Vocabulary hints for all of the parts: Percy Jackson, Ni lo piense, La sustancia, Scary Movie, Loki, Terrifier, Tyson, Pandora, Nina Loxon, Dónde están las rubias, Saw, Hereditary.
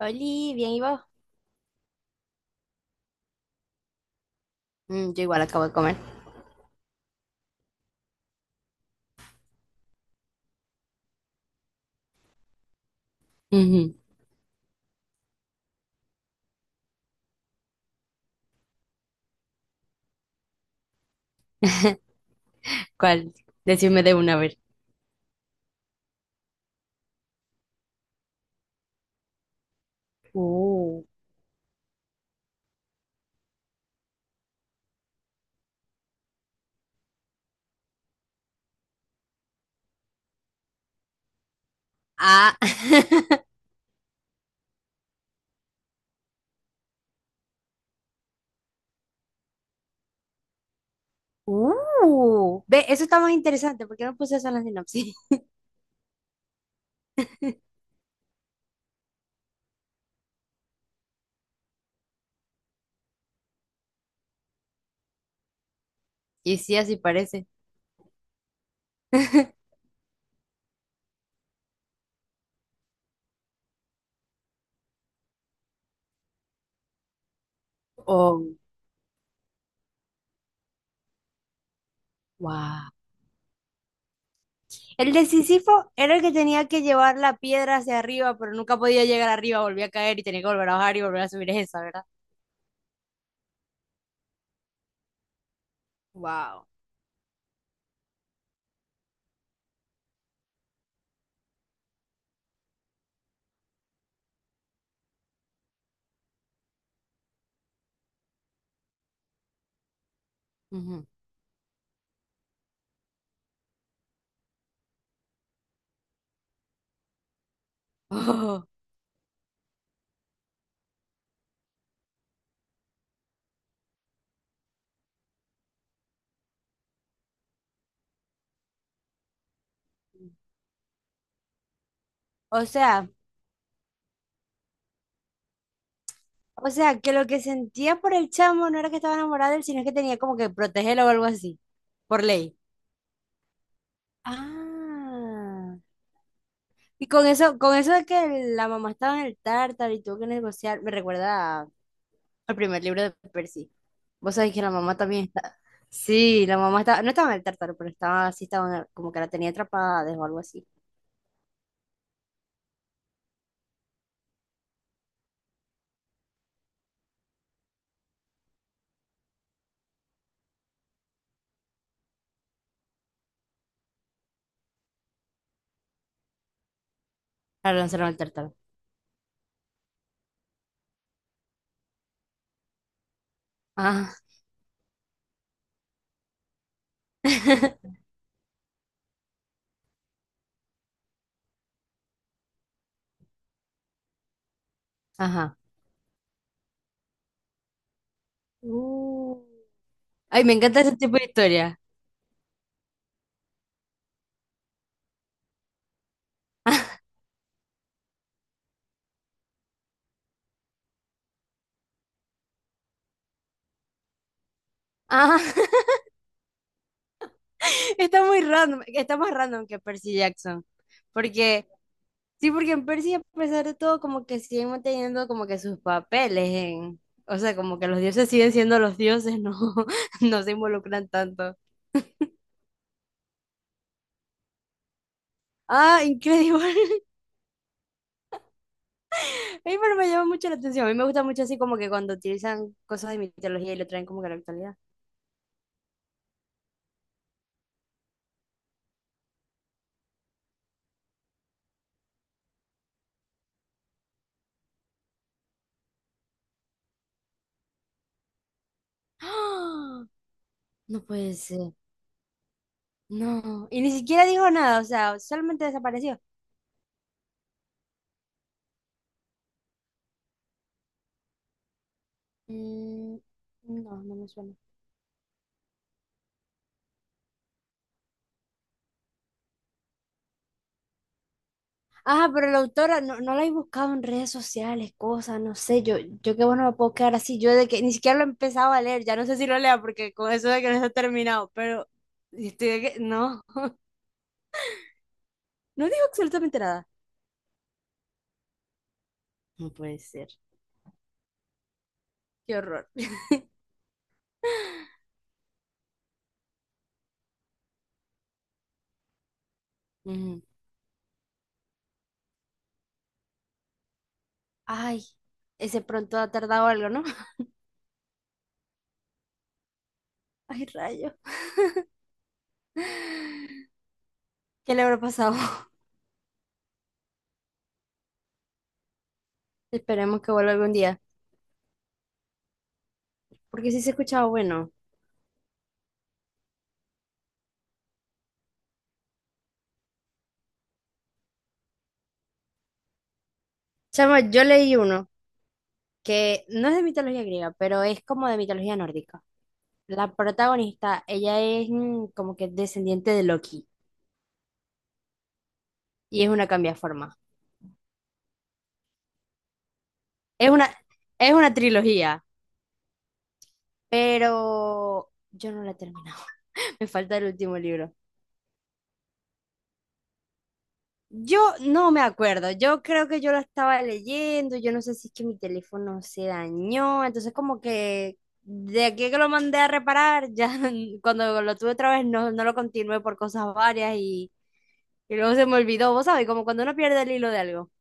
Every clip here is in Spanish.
Oli, bien, ¿y vos? Mm, yo igual acabo de comer. Ujú. ¿Cuál? Decime de una vez. Uh. Ah. Uh, ve, eso está más interesante. ¿Por qué no puse eso en la sinopsis? Y sí, así parece. Oh, wow. El de Sísifo era el que tenía que llevar la piedra hacia arriba, pero nunca podía llegar arriba, volvía a caer y tenía que volver a bajar y volver a subir esa, ¿verdad? Wow. Oh. O sea, o sea, que lo que sentía por el chamo no era que estaba enamorada de él, sino que tenía como que protegerlo o algo así, por ley. Ah. Y con eso de que la mamá estaba en el tártaro y tuvo que negociar, me recuerda a- al primer libro de Percy. Vos sabés que la mamá también está. Sí, la mamá estaba, no estaba en el tártaro, pero estaba así, estaba en el- como que la tenía atrapada o algo así. Claro, la lanzaron al tártaro. Ah. Ajá. Uh. Ay, me encanta ese tipo de historia. Ah. Está muy random, está más random que Percy Jackson. Porque, sí, porque en Percy, a pesar de todo, como que siguen manteniendo como que sus papeles en, o sea, como que los dioses siguen siendo los dioses, no, no se involucran tanto. Ah, increíble. A mí pero me llama mucho la atención. A mí me gusta mucho así como que cuando utilizan cosas de mitología y lo traen como que a la actualidad. ¡Ah! No puede ser. No. Y ni siquiera dijo nada, o sea, solamente desapareció. Mm, no, no me suena. Ajá, pero la autora no, no la he buscado en redes sociales, cosas, no sé, yo qué bueno me puedo quedar así, yo de que ni siquiera lo he empezado a leer, ya no sé si lo lea porque con eso de que no está terminado, pero estoy de que, no, no dijo absolutamente nada. No puede ser, qué horror. Ujú. Ay, ese pronto ha tardado algo, ¿no? Ay, rayo, ¿qué le habrá pasado? Esperemos que vuelva algún día, porque sí se escuchaba bueno. Chama, yo leí uno que no es de mitología griega, pero es como de mitología nórdica. La protagonista, ella es como que descendiente de Loki y es una cambiaforma. Es una, es una trilogía, pero yo no la he terminado. Me falta el último libro. Yo no me acuerdo, yo creo que yo lo estaba leyendo, yo no sé si es que mi teléfono se dañó, entonces como que de aquí que lo mandé a reparar, ya cuando lo tuve otra vez no, no lo continué por cosas varias y luego se me olvidó, vos sabés, como cuando uno pierde el hilo de algo.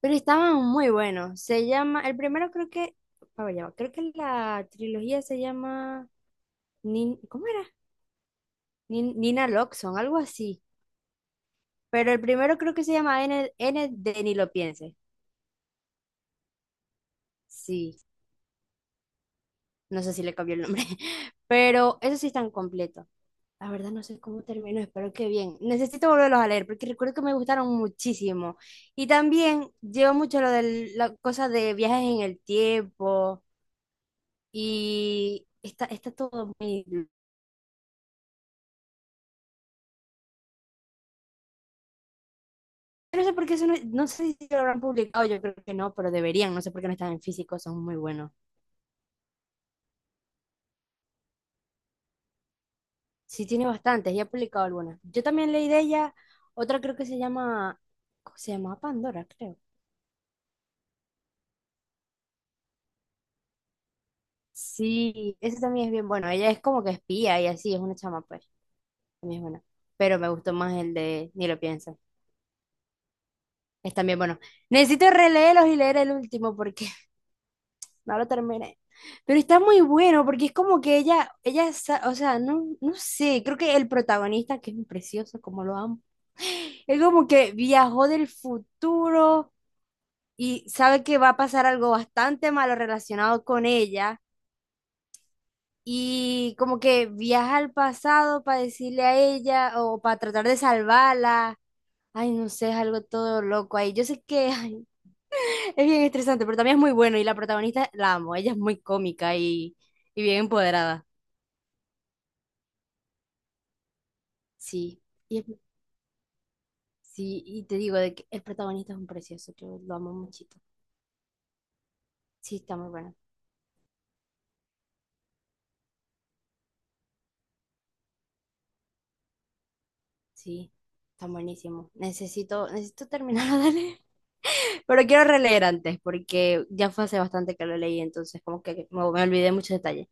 Pero estaban muy buenos. Se llama, el primero creo que, a ver, ya va, creo que la trilogía se llama, Nin- ¿cómo era? Nin- Nina Loxon, algo así. Pero el primero creo que se llama N, N de Ni lo piense. Sí, no sé si le cambió el nombre. Pero eso sí están completos. La verdad no sé cómo terminó, espero que bien. Necesito volverlos a leer porque recuerdo que me gustaron muchísimo. Y también llevo mucho lo de la cosa de viajes en el tiempo y está todo muy no sé por qué eso no, no sé si lo habrán publicado, yo creo que no, pero deberían, no sé por qué no están en físico, son muy buenos. Sí, tiene bastantes, ya ha publicado algunas. Yo también leí de ella, otra creo que se llama, ¿cómo se llama Pandora, creo. Sí, ese también es bien bueno, ella es como que espía y así, es una chama, pues, también es buena. Pero me gustó más el de Ni lo pienso, es también bueno. Necesito releerlos y leer el último porque no lo terminé. Pero está muy bueno porque es como que ella, sa- o sea, no, no sé, creo que el protagonista, que es un precioso, como lo amo, es como que viajó del futuro y sabe que va a pasar algo bastante malo relacionado con ella y como que viaja al pasado para decirle a ella o para tratar de salvarla. Ay, no sé, es algo todo loco ahí. Yo sé que ay, es bien estresante, pero también es muy bueno y la protagonista la amo, ella es muy cómica y bien empoderada. Sí, y el- sí, y te digo de que el protagonista es un precioso, yo lo amo muchito. Sí, está muy bueno. Sí, está buenísimo. Necesito terminar de leer. Pero quiero releer antes, porque ya fue hace bastante que lo leí, entonces como que me olvidé muchos detalles.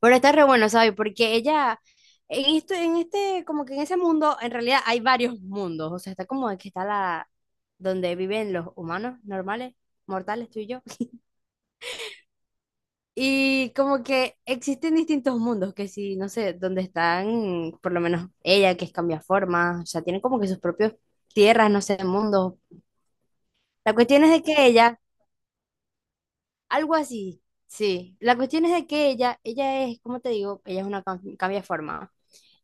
Pero está re bueno, ¿sabes? Porque ella, en esto, en este, como que en ese mundo, en realidad hay varios mundos. O sea, está como que está la, donde viven los humanos normales, mortales, tú y yo. Y como que existen distintos mundos, que si, no sé, donde están, por lo menos ella, que es cambia forma, o sea, tiene como que sus propios tierras, no sé, mundos. La cuestión es de que ella, algo así, sí, la cuestión es de que ella es, como te digo, ella es una cambia forma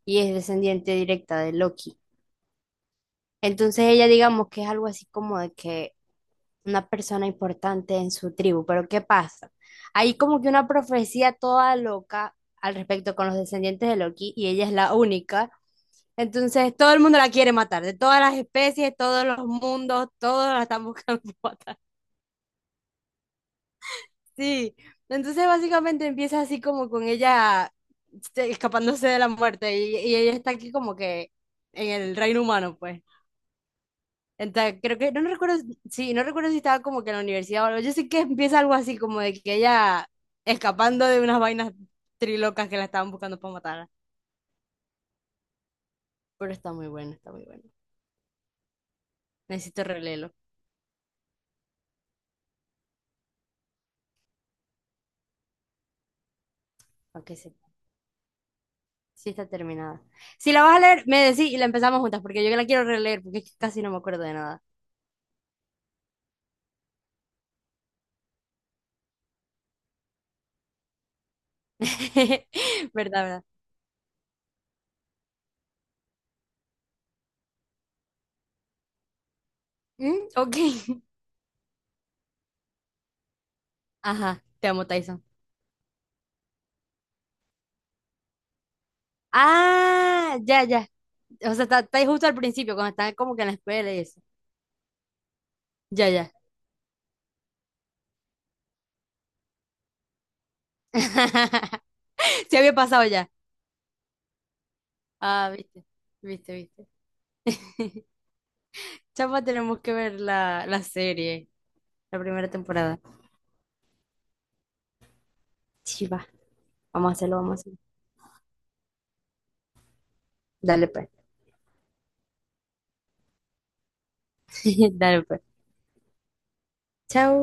y es descendiente directa de Loki. Entonces ella, digamos que es algo así como de que una persona importante en su tribu. Pero ¿qué pasa? Hay como que una profecía toda loca al respecto con los descendientes de Loki y ella es la única. Entonces todo el mundo la quiere matar, de todas las especies, todos los mundos, todos la están buscando matar. Sí, entonces básicamente empieza así como con ella este, escapándose de la muerte y ella está aquí como que en el reino humano, pues. Entonces, creo que, no recuerdo, sí, no recuerdo si estaba como que en la universidad o algo. Yo sé que empieza algo así, como de que ella escapando de unas vainas trilocas que la estaban buscando para matarla. Pero está muy bueno, está muy bueno. Necesito releerlo, para que sepa. Sí está terminada. Si la vas a leer, me decís y la empezamos juntas, porque yo la quiero releer, porque es que casi no me acuerdo de nada. ¿Verdad, verdad? ¿Mm? Ok. Ajá, te amo, Tyson. Ah, ya, ya. O sea, está, está ahí justo al principio, cuando están como que en la escuela y eso. Ya, ya. Se había pasado ya. Ah, viste, viste, viste. Chapa, tenemos que ver la, la serie, la primera temporada. Sí, va. Vamos a hacerlo, vamos a hacerlo. Dale pues. Dale pues. Chao.